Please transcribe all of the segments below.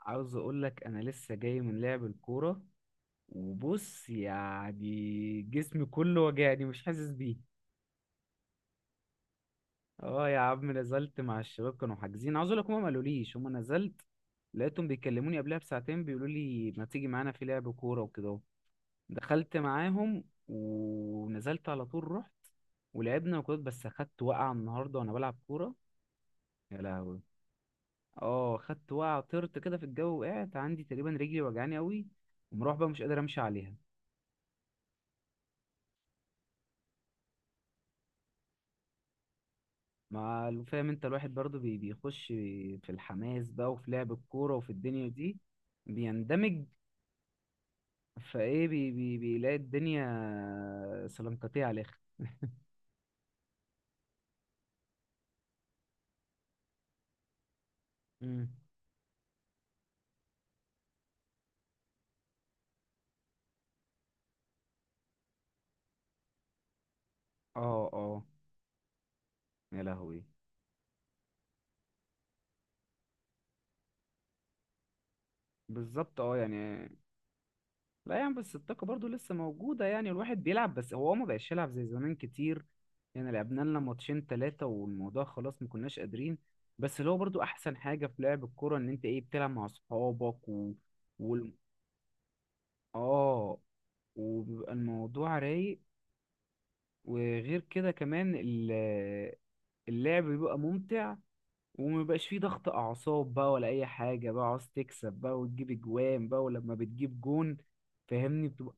عاوز اقول لك، انا لسه جاي من لعب الكوره. وبص يعني جسمي كله وجعني مش حاسس بيه. اه يا عم، نزلت مع الشباب كانوا حاجزين. عاوز اقول لك، هما ما قالوليش هما نزلت. لقيتهم بيكلموني قبلها بساعتين بيقولوا لي ما تيجي معانا في لعب كوره وكده اهو. دخلت معاهم ونزلت على طول. رحت ولعبنا وكده، بس اخدت وقعه النهارده وانا بلعب كوره. يا لهوي! اه، خدت وقعه، طرت كده في الجو وقعت، عندي تقريبا رجلي وجعاني قوي، ومروح بقى مش قادر امشي عليها. مع فاهم انت، الواحد برضو بيخش في الحماس بقى، وفي لعب الكورة وفي الدنيا دي بيندمج. فايه بي بي بيلاقي الدنيا سلنكتيه على الاخر. امم. اه، اه. يا لهوي! بالظبط، اه يعني. لا يعني، بس الطاقة برضو لسه موجودة، يعني الواحد بيلعب، بس هو ما بقاش يلعب زي زمان كتير. يعني لعبنا لنا ماتشين تلاتة والموضوع خلاص ما كناش قادرين. بس اللي هو برضو أحسن حاجة في لعب الكورة إن أنت إيه بتلعب مع أصحابك و... وال- اه، وبيبقى الموضوع رايق، وغير كده كمان اللعب بيبقى ممتع. ومبيبقاش فيه ضغط أعصاب بقى، ولا أي حاجة بقى عاوز تكسب بقى وتجيب أجوان بقى، ولما بتجيب جون فاهمني بتبقى.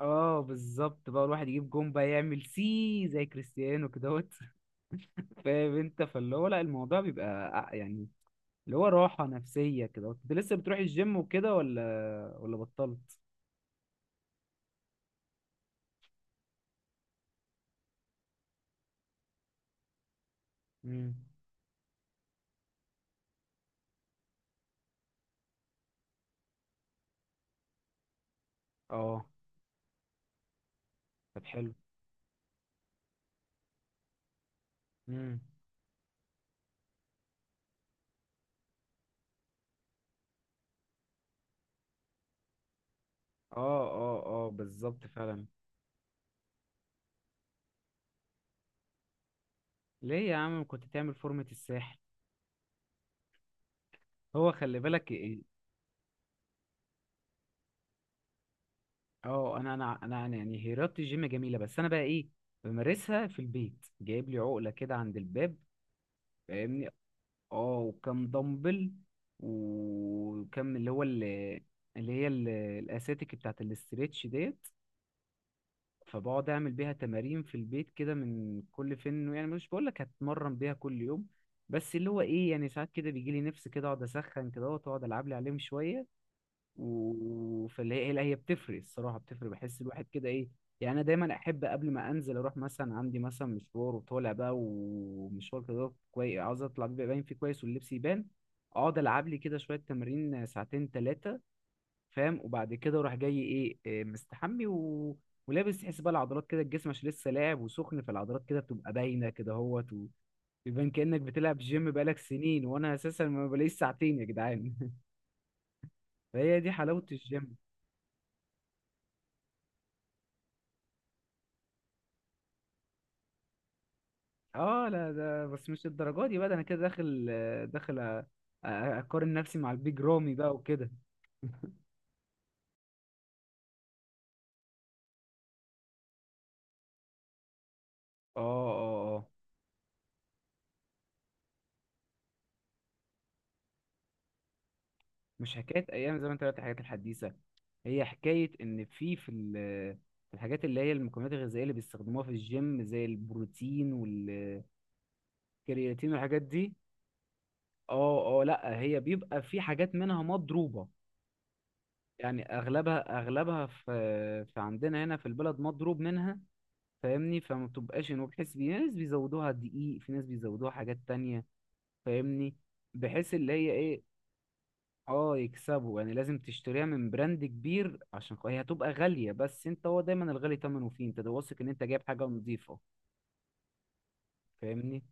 اه بالظبط، بقى الواحد يجيب جون بقى يعمل سي زي كريستيانو كدهوت. فاهم انت؟ فاللي هو لا، الموضوع بيبقى يعني، اللي هو راحة نفسية كده. انت لسه بتروح الجيم وكده ولا بطلت؟ مم. اه، طب حلو. مم. اه، اه، اه، بالظبط فعلا. ليه يا عم؟ كنت تعمل فورمة الساحل. هو خلي بالك اه، انا يعني رياضة الجيم جميلة، بس انا بقى ايه؟ بمارسها في البيت، جايب لي عقلة كده عند الباب فاهمني. اه، وكم دمبل، وكم اللي هو اللي, اللي هي ال- الاساتيك بتاعت الاستريتش ديت. فبقعد اعمل بيها تمارين في البيت كده من كل فين، يعني مش بقول لك هتمرن بيها كل يوم. بس اللي هو ايه، يعني ساعات كده بيجي لي نفس كده اقعد اسخن كده واقعد العب لي عليهم شويه، فاللي هي لا، هي بتفرق الصراحه، بتفرق، بحس الواحد كده ايه. يعني انا دايما احب قبل ما انزل اروح مثلا، عندي مثلا مشوار وطالع بقى، ومشوار كده كويس عاوز اطلع بيبقى باين فيه كويس واللبس يبان. اقعد العب لي كده شويه تمارين ساعتين ثلاثه. فاهم؟ وبعد كده وراح جاي ايه، مستحمي و... ولابس تحس بقى العضلات كده، الجسم عشان لسه لاعب وسخن، فالعضلات كده بتبقى باينه كده اهوت. ويبان كانك بتلعب جيم بقالك سنين، وانا اساسا ما بلاقيش ساعتين يا جدعان. فهي دي حلاوه الجيم. اه لا، ده بس مش الدرجه دي بقى، ده انا كده داخل، داخل اقارن نفسي مع البيج رامي بقى وكده. اه، اه، آه. مش حكايه ايام زي ما انت قلت الحاجات الحديثه. هي حكايه ان في الحاجات اللي هي المكملات الغذائيه اللي بيستخدموها في الجيم زي البروتين والكرياتين والحاجات دي. اه، اه، لا، هي بيبقى في حاجات منها مضروبه، يعني اغلبها في عندنا هنا في البلد مضروب منها. فاهمني، فما بتبقاش انه، بحيث في ناس بيزودوها دقيق، في ناس بيزودوها حاجات تانية فاهمني، بحيث اللي هي ايه. اه يكسبوا، يعني لازم تشتريها من براند كبير عشان هي هتبقى غالية، بس انت هو دايما الغالي تمنه فيه، انت ده واثق ان انت جايب حاجة نظيفة فاهمني.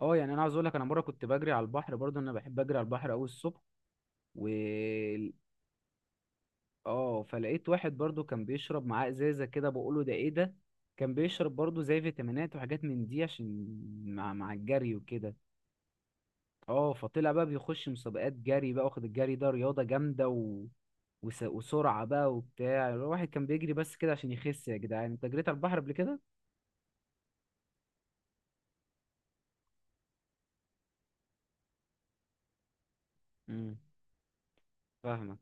اه يعني، انا عاوز اقول لك، انا مرة كنت بجري على البحر برضه، انا بحب اجري على البحر قوي الصبح، و اه فلقيت واحد برضه كان بيشرب معاه ازازة كده، بقوله ده ايه ده. كان بيشرب برضه زي فيتامينات وحاجات من دي، عشان مع الجري وكده. اه، فطلع بقى بيخش مسابقات جري بقى، واخد الجري ده رياضة جامدة و... وسرعة بقى وبتاع، الواحد كان بيجري بس كده عشان يخس يا جدعان. انت جريت على البحر قبل كده؟ امم فاهمك.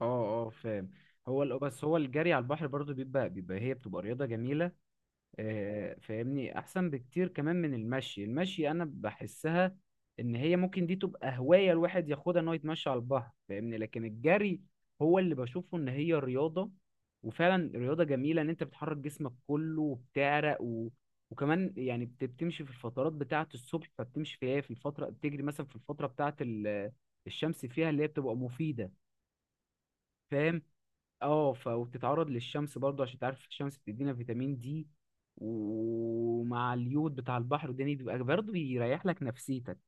اه، اه، فاهم. هو بس هو الجري على البحر برضه بيبقى، هي بتبقى رياضة جميلة. فاهمني احسن بكتير كمان من المشي. المشي انا بحسها ان هي ممكن دي تبقى هواية الواحد ياخدها ان هو يتمشى على البحر فاهمني، لكن الجري هو اللي بشوفه ان هي رياضة. وفعلا رياضة جميلة ان انت بتحرك جسمك كله وبتعرق و... وكمان يعني بتمشي في الفترات بتاعة الصبح، فبتمشي فيها في الفترة، بتجري مثلا في الفترة بتاعة الشمس فيها اللي هي بتبقى مفيدة فاهم. اه، وبتتعرض للشمس برضه، عشان تعرف الشمس بتدينا فيتامين دي، ومع اليود بتاع البحر الدنيا بيبقى برضه بيريح لك نفسيتك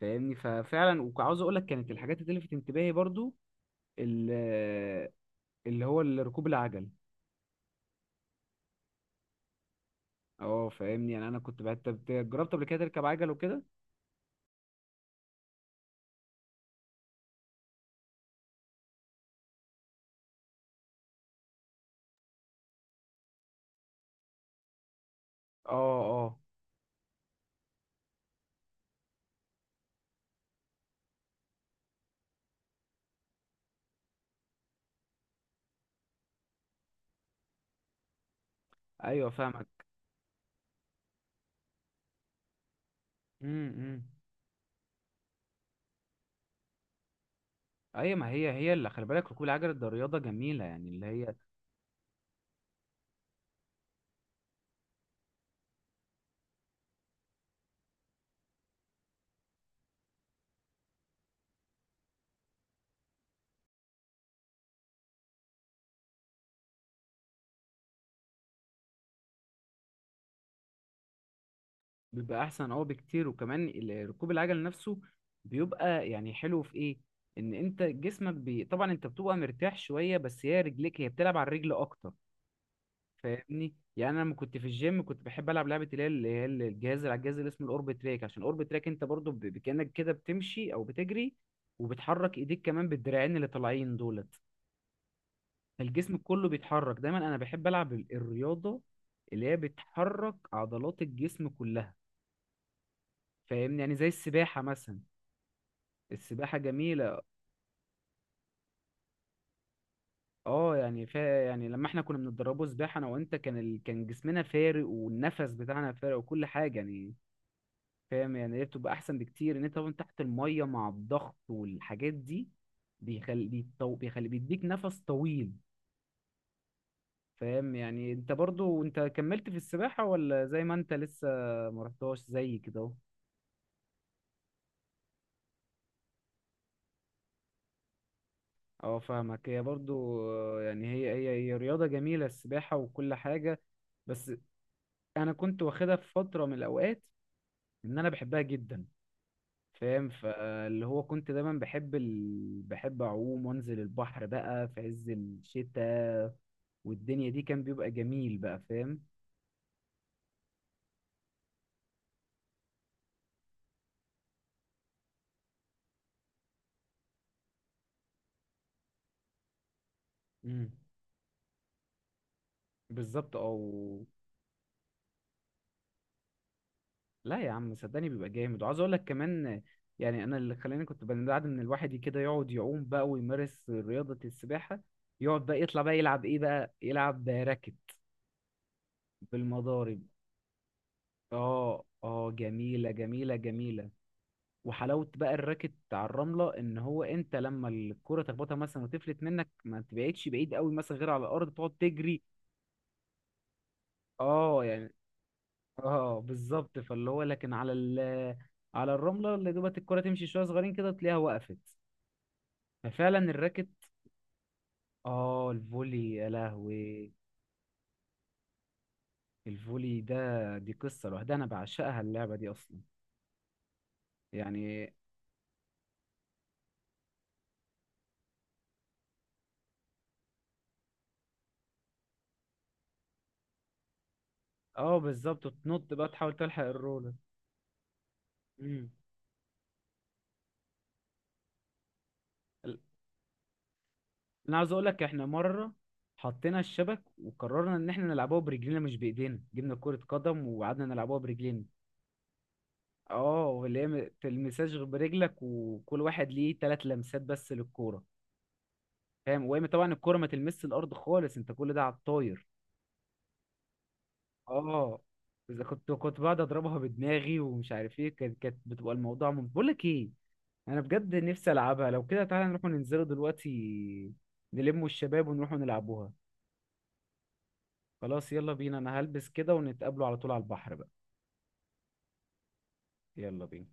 فاهمني. ففعلا، وعاوز اقول لك كانت الحاجات اللي لفت انتباهي برضه ال- ركوب العجل. اه، فاهمني. يعني انا كنت بقى، انت جربت قبل كده تركب عجل وكده؟ اه، اه، ايوه فاهمك. امم، إمم. ايوه، ما هي اللي خلي بالك ركوب العجل ده رياضه جميله، يعني اللي هي بيبقى احسن اه بكتير، وكمان ركوب العجل نفسه بيبقى يعني حلو في ايه؟ ان انت جسمك طبعا انت بتبقى مرتاح شويه، بس هي رجليك بتلعب على الرجل اكتر فاهمني. يعني انا لما كنت في الجيم كنت بحب العب لعبه اللي هي الجهاز، اللي على الجهاز اللي اسمه الاوربت تراك، عشان الاوربت تراك انت برضو كانك كده بتمشي او بتجري، وبتحرك ايديك كمان بالدراعين اللي طالعين دولت. فالجسم كله بيتحرك، دايما انا بحب العب الرياضه اللي هي بتحرك عضلات الجسم كلها فاهمني، يعني زي السباحه مثلا. السباحة جميلة. اه يعني، يعني لما احنا كنا بنتدربوا سباحة انا وانت، كان كان جسمنا فارق والنفس بتاعنا فارق وكل حاجة يعني فاهم. يعني هي بتبقى احسن بكتير ان انت طبعا تحت المية مع الضغط والحاجات دي، بيخلي بيديك نفس طويل فاهم. يعني انت برضو انت كملت في السباحة، ولا زي ما انت لسه ما رحتهاش زي كده؟ اهو، اه، فاهمك. هي برضو، يعني هي رياضة جميلة السباحة وكل حاجة. بس انا كنت واخدها في فترة من الاوقات، ان انا بحبها جدا فاهم. فاللي هو كنت دايما بحب اعوم وانزل البحر بقى في عز الشتاء، والدنيا دي كان بيبقى جميل بقى فاهم. امم. بالظبط او، لا يا عم صدقني، بيبقى جامد، وعاوز اقول لك كمان. يعني انا اللي خلاني كنت بعد ان الواحد كده يقعد يعوم بقى ويمارس رياضة السباحة، يقعد بقى يطلع بقى يلعب ايه بقى، يلعب راكت. بالمضارب، اه، اه، جميلة، جميلة، جميلة. وحلاوة بقى الراكت على الرملة، ان هو انت لما الكرة تخبطها مثلا وتفلت منك ما تبعدش بعيد قوي مثلا، غير على الارض تقعد تجري. اه يعني، اه بالظبط، فاللي هو لكن على على الرملة اللي دوبت الكرة تمشي شوية صغيرين كده تلاقيها وقفت، ففعلا الراكت. اه، الفولي، يا لهوي! الفولي ده دي قصة لوحدها، انا بعشقها اللعبة دي اصلا يعني. اه بالظبط، وتنط بقى تحاول تلحق الرولة. مم. انا عاوز اقول لك، احنا مره حطينا الشبك وقررنا ان احنا نلعبوها برجلينا مش بايدينا، جبنا كرة قدم وقعدنا نلعبوها برجلينا. اه، اللي هي تلمساش غير برجلك، وكل واحد ليه تلات لمسات بس للكوره. فاهم؟ وهي طبعا الكوره ما تلمسش الارض خالص، انت كل ده على الطاير. اه، اذا كنت بقعد اضربها بدماغي ومش عارف ايه، كانت بتبقى الموضوع بقول لك ايه. انا بجد نفسي العبها. لو كده تعالى نروح ننزلوا دلوقتي، نلموا الشباب ونروحوا نلعبوها. خلاص يلا بينا، انا هلبس كده ونتقابلوا على طول على البحر بقى. يلا بينا.